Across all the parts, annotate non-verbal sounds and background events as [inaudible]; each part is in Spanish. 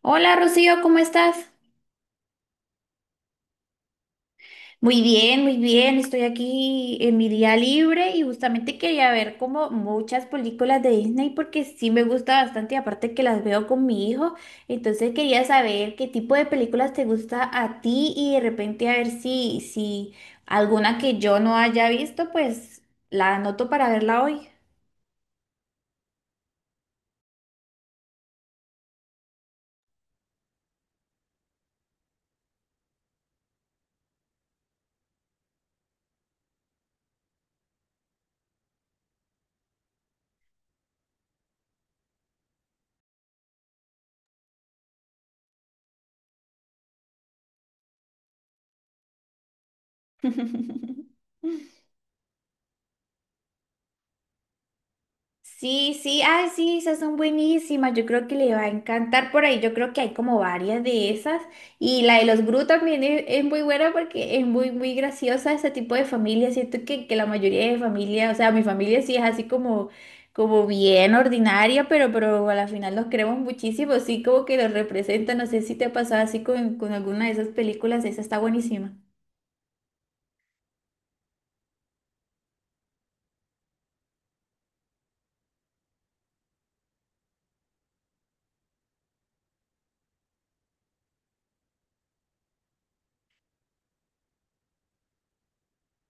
Hola Rocío, ¿cómo estás? Muy bien, muy bien. Estoy aquí en mi día libre y justamente quería ver como muchas películas de Disney porque sí me gusta bastante y aparte que las veo con mi hijo. Entonces quería saber qué tipo de películas te gusta a ti y de repente a ver si alguna que yo no haya visto, pues la anoto para verla hoy. [laughs] Sí, sí, ay, sí, esas son buenísimas. Yo creo que le va a encantar por ahí. Yo creo que hay como varias de esas. Y la de los Gru también es muy buena porque es muy, muy graciosa ese tipo de familia. Siento que la mayoría de familia, o sea, mi familia sí es así como bien ordinaria, pero a la final los queremos muchísimo. Sí, como que los representan. No sé si te ha pasado así con alguna de esas películas. Esa está buenísima.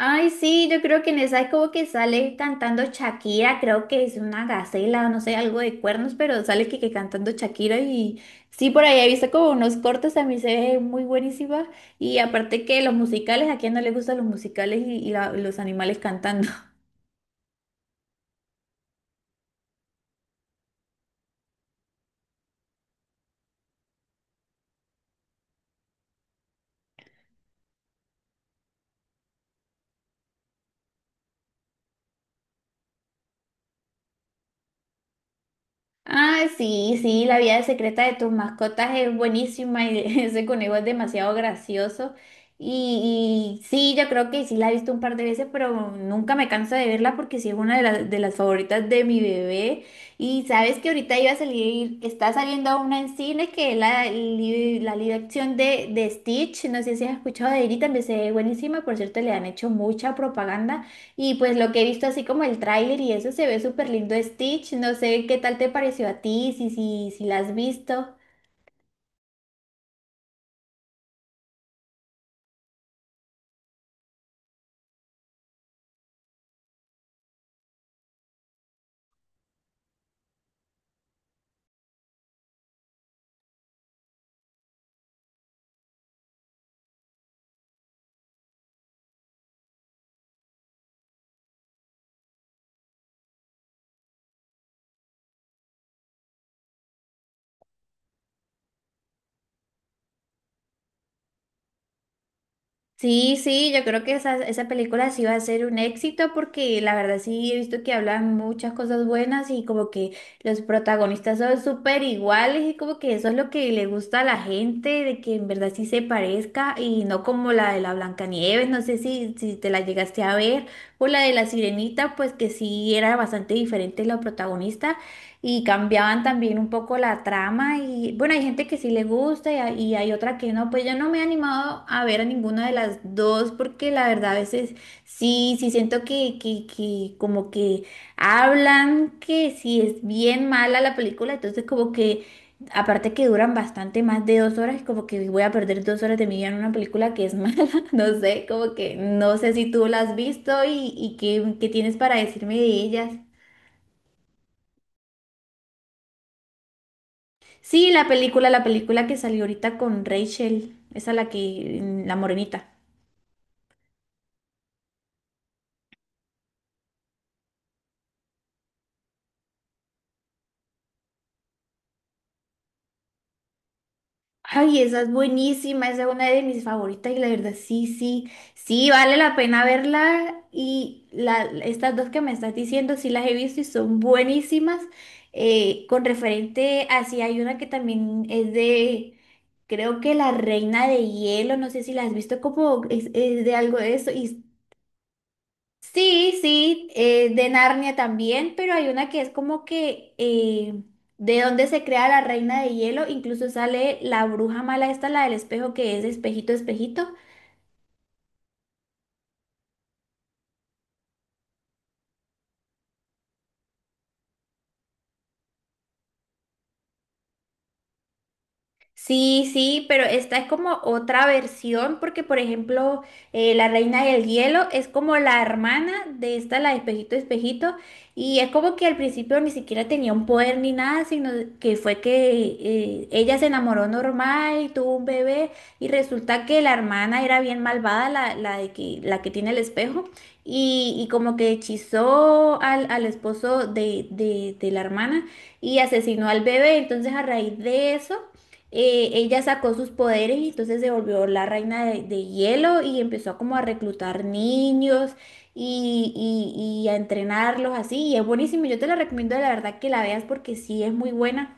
Ay, sí, yo creo que en esa es como que sale cantando Shakira, creo que es una gacela o no sé, algo de cuernos, pero sale que cantando Shakira y sí, por ahí he visto como unos cortos, a mí se ve muy buenísima y aparte que los musicales, ¿a quién no le gustan los musicales y los animales cantando? Ah, sí, sí, la vida secreta de tus mascotas es buenísima y [laughs] ese conejo es demasiado gracioso. Y sí, yo creo que sí la he visto un par de veces, pero nunca me canso de verla porque sí es una de las favoritas de mi bebé. Y sabes que ahorita iba a salir, está saliendo una en cine que es la live action de Stitch. No sé si has escuchado de ella y también se ve buenísima. Por cierto, le han hecho mucha propaganda. Y pues lo que he visto así como el tráiler y eso se ve súper lindo Stitch. No sé qué tal te pareció a ti, si la has visto. Sí, sí, yo creo que esa película sí va a ser un éxito porque la verdad sí he visto que hablan muchas cosas buenas y como que los protagonistas son súper iguales y como que eso es lo que le gusta a la gente, de que en verdad sí se parezca y no como la de la Blancanieves, no sé si te la llegaste a ver, o la de la Sirenita, pues que sí era bastante diferente la protagonista y cambiaban también un poco la trama y bueno, hay gente que sí le gusta y hay otra que no, pues yo no me he animado a ver a ninguna de las dos porque la verdad a veces sí siento que como que hablan que si es bien mala la película, entonces como que aparte que duran bastante más de 2 horas, como que voy a perder 2 horas de mi vida en una película que es mala, [laughs] no sé, como que no sé si tú la has visto y qué tienes para decirme de ellas. Sí, la película que salió ahorita con Rachel, esa la morenita. Ay, esa es buenísima, esa es una de mis favoritas y la verdad, sí, sí, sí, vale la pena verla y estas dos que me estás diciendo, sí las he visto y son buenísimas. Con referente a, sí, hay una que también es de, creo que La Reina de Hielo, no sé si la has visto, como es de algo de eso y sí, sí, de Narnia también, pero hay una que es como que de donde se crea la reina de hielo, incluso sale la bruja mala esta, la del espejo, que es espejito, espejito. Sí, sí, pero esta es como otra versión porque, por ejemplo, La Reina del Hielo es como la hermana de esta, la de Espejito Espejito, y es como que al principio ni siquiera tenía un poder ni nada, sino que fue que ella se enamoró normal y tuvo un bebé, y resulta que la hermana era bien malvada, la que tiene el espejo, y como que hechizó al esposo de la hermana y asesinó al bebé, entonces a raíz de eso ella sacó sus poderes y entonces se volvió la reina de hielo y empezó como a reclutar niños y a entrenarlos así. Y es buenísimo, yo te la recomiendo la verdad que la veas porque sí es muy buena.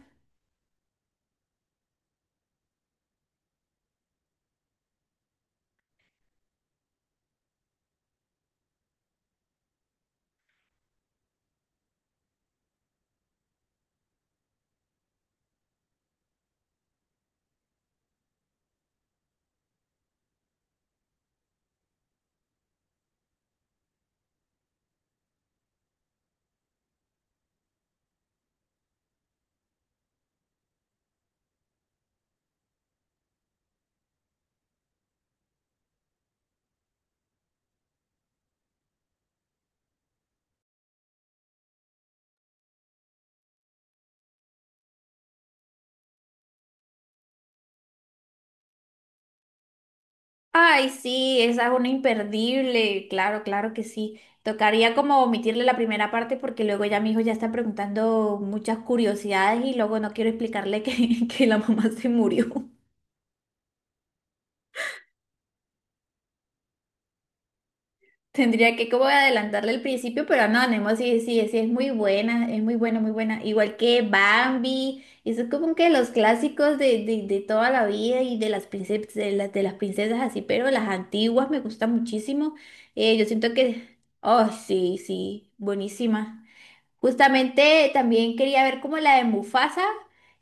Ay, sí, esa es una imperdible, claro, claro que sí. Tocaría como omitirle la primera parte porque luego ya mi hijo ya está preguntando muchas curiosidades y luego no quiero explicarle que, [laughs] que la mamá se murió. Tendría que como adelantarle al principio, pero no, Nemo sí, sí, sí, es muy buena, muy buena. Igual que Bambi, eso es como que los clásicos de toda la vida y de las princesas, de las princesas así, pero las antiguas me gustan muchísimo. Yo siento que, oh, sí, sí, buenísima. Justamente también quería ver como la de Mufasa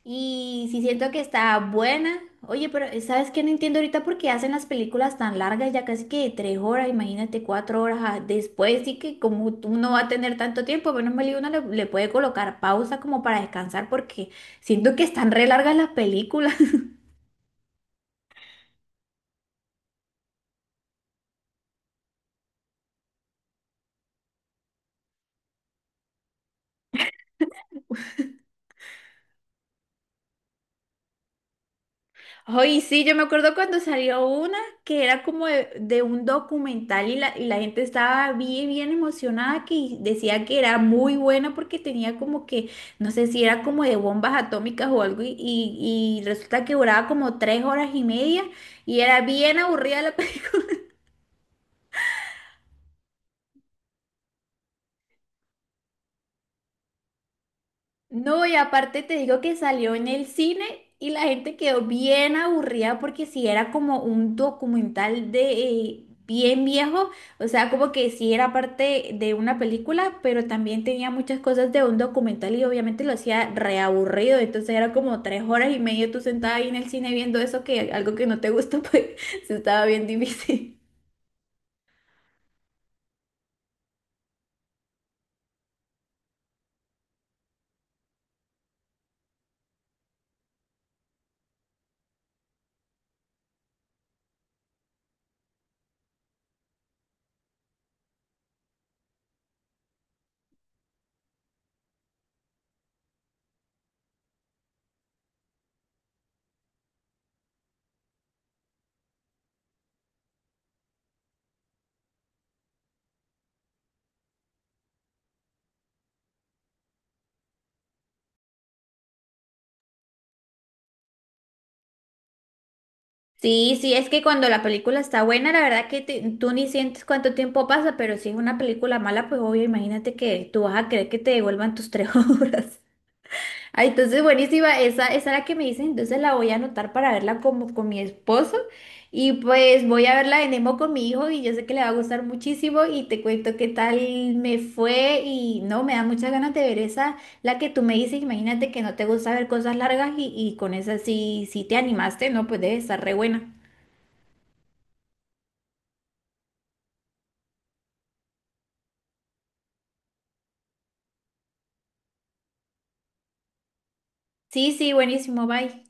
y si siento que está buena. Oye, pero ¿sabes qué? No entiendo ahorita por qué hacen las películas tan largas, ya casi que 3 horas, imagínate 4 horas ah, después, sí que como tú no va a tener tanto tiempo, menos mal y uno le puede colocar pausa como para descansar porque siento que están re largas las películas. Ay, sí, yo me acuerdo cuando salió una que era como de un documental y la gente estaba bien, bien emocionada que decía que era muy buena porque tenía como que, no sé si era como de bombas atómicas o algo y resulta que duraba como 3 horas y media y era bien aburrida la, [laughs] No, y aparte te digo que salió en el cine y la gente quedó bien aburrida porque si era como un documental de bien viejo, o sea, como que sí era parte de una película, pero también tenía muchas cosas de un documental y obviamente lo hacía reaburrido, entonces era como 3 horas y media tú sentada ahí en el cine viendo eso que algo que no te gusta, pues [laughs] se estaba bien difícil. Sí, sí, es que cuando la película está buena, la verdad que tú ni sientes cuánto tiempo pasa, pero si es una película mala, pues obvio, imagínate que tú vas a querer que te devuelvan tus tres [laughs] horas. Ah, entonces buenísima, esa es la que me dicen, entonces la voy a anotar para verla como con mi esposo y pues voy a verla de Nemo con mi hijo y yo sé que le va a gustar muchísimo y te cuento qué tal me fue y no, me da muchas ganas de ver esa, la que tú me dices, imagínate que no te gusta ver cosas largas y con esa sí te animaste, no, pues debe estar re buena. Sí, sí, buenísimo, bye.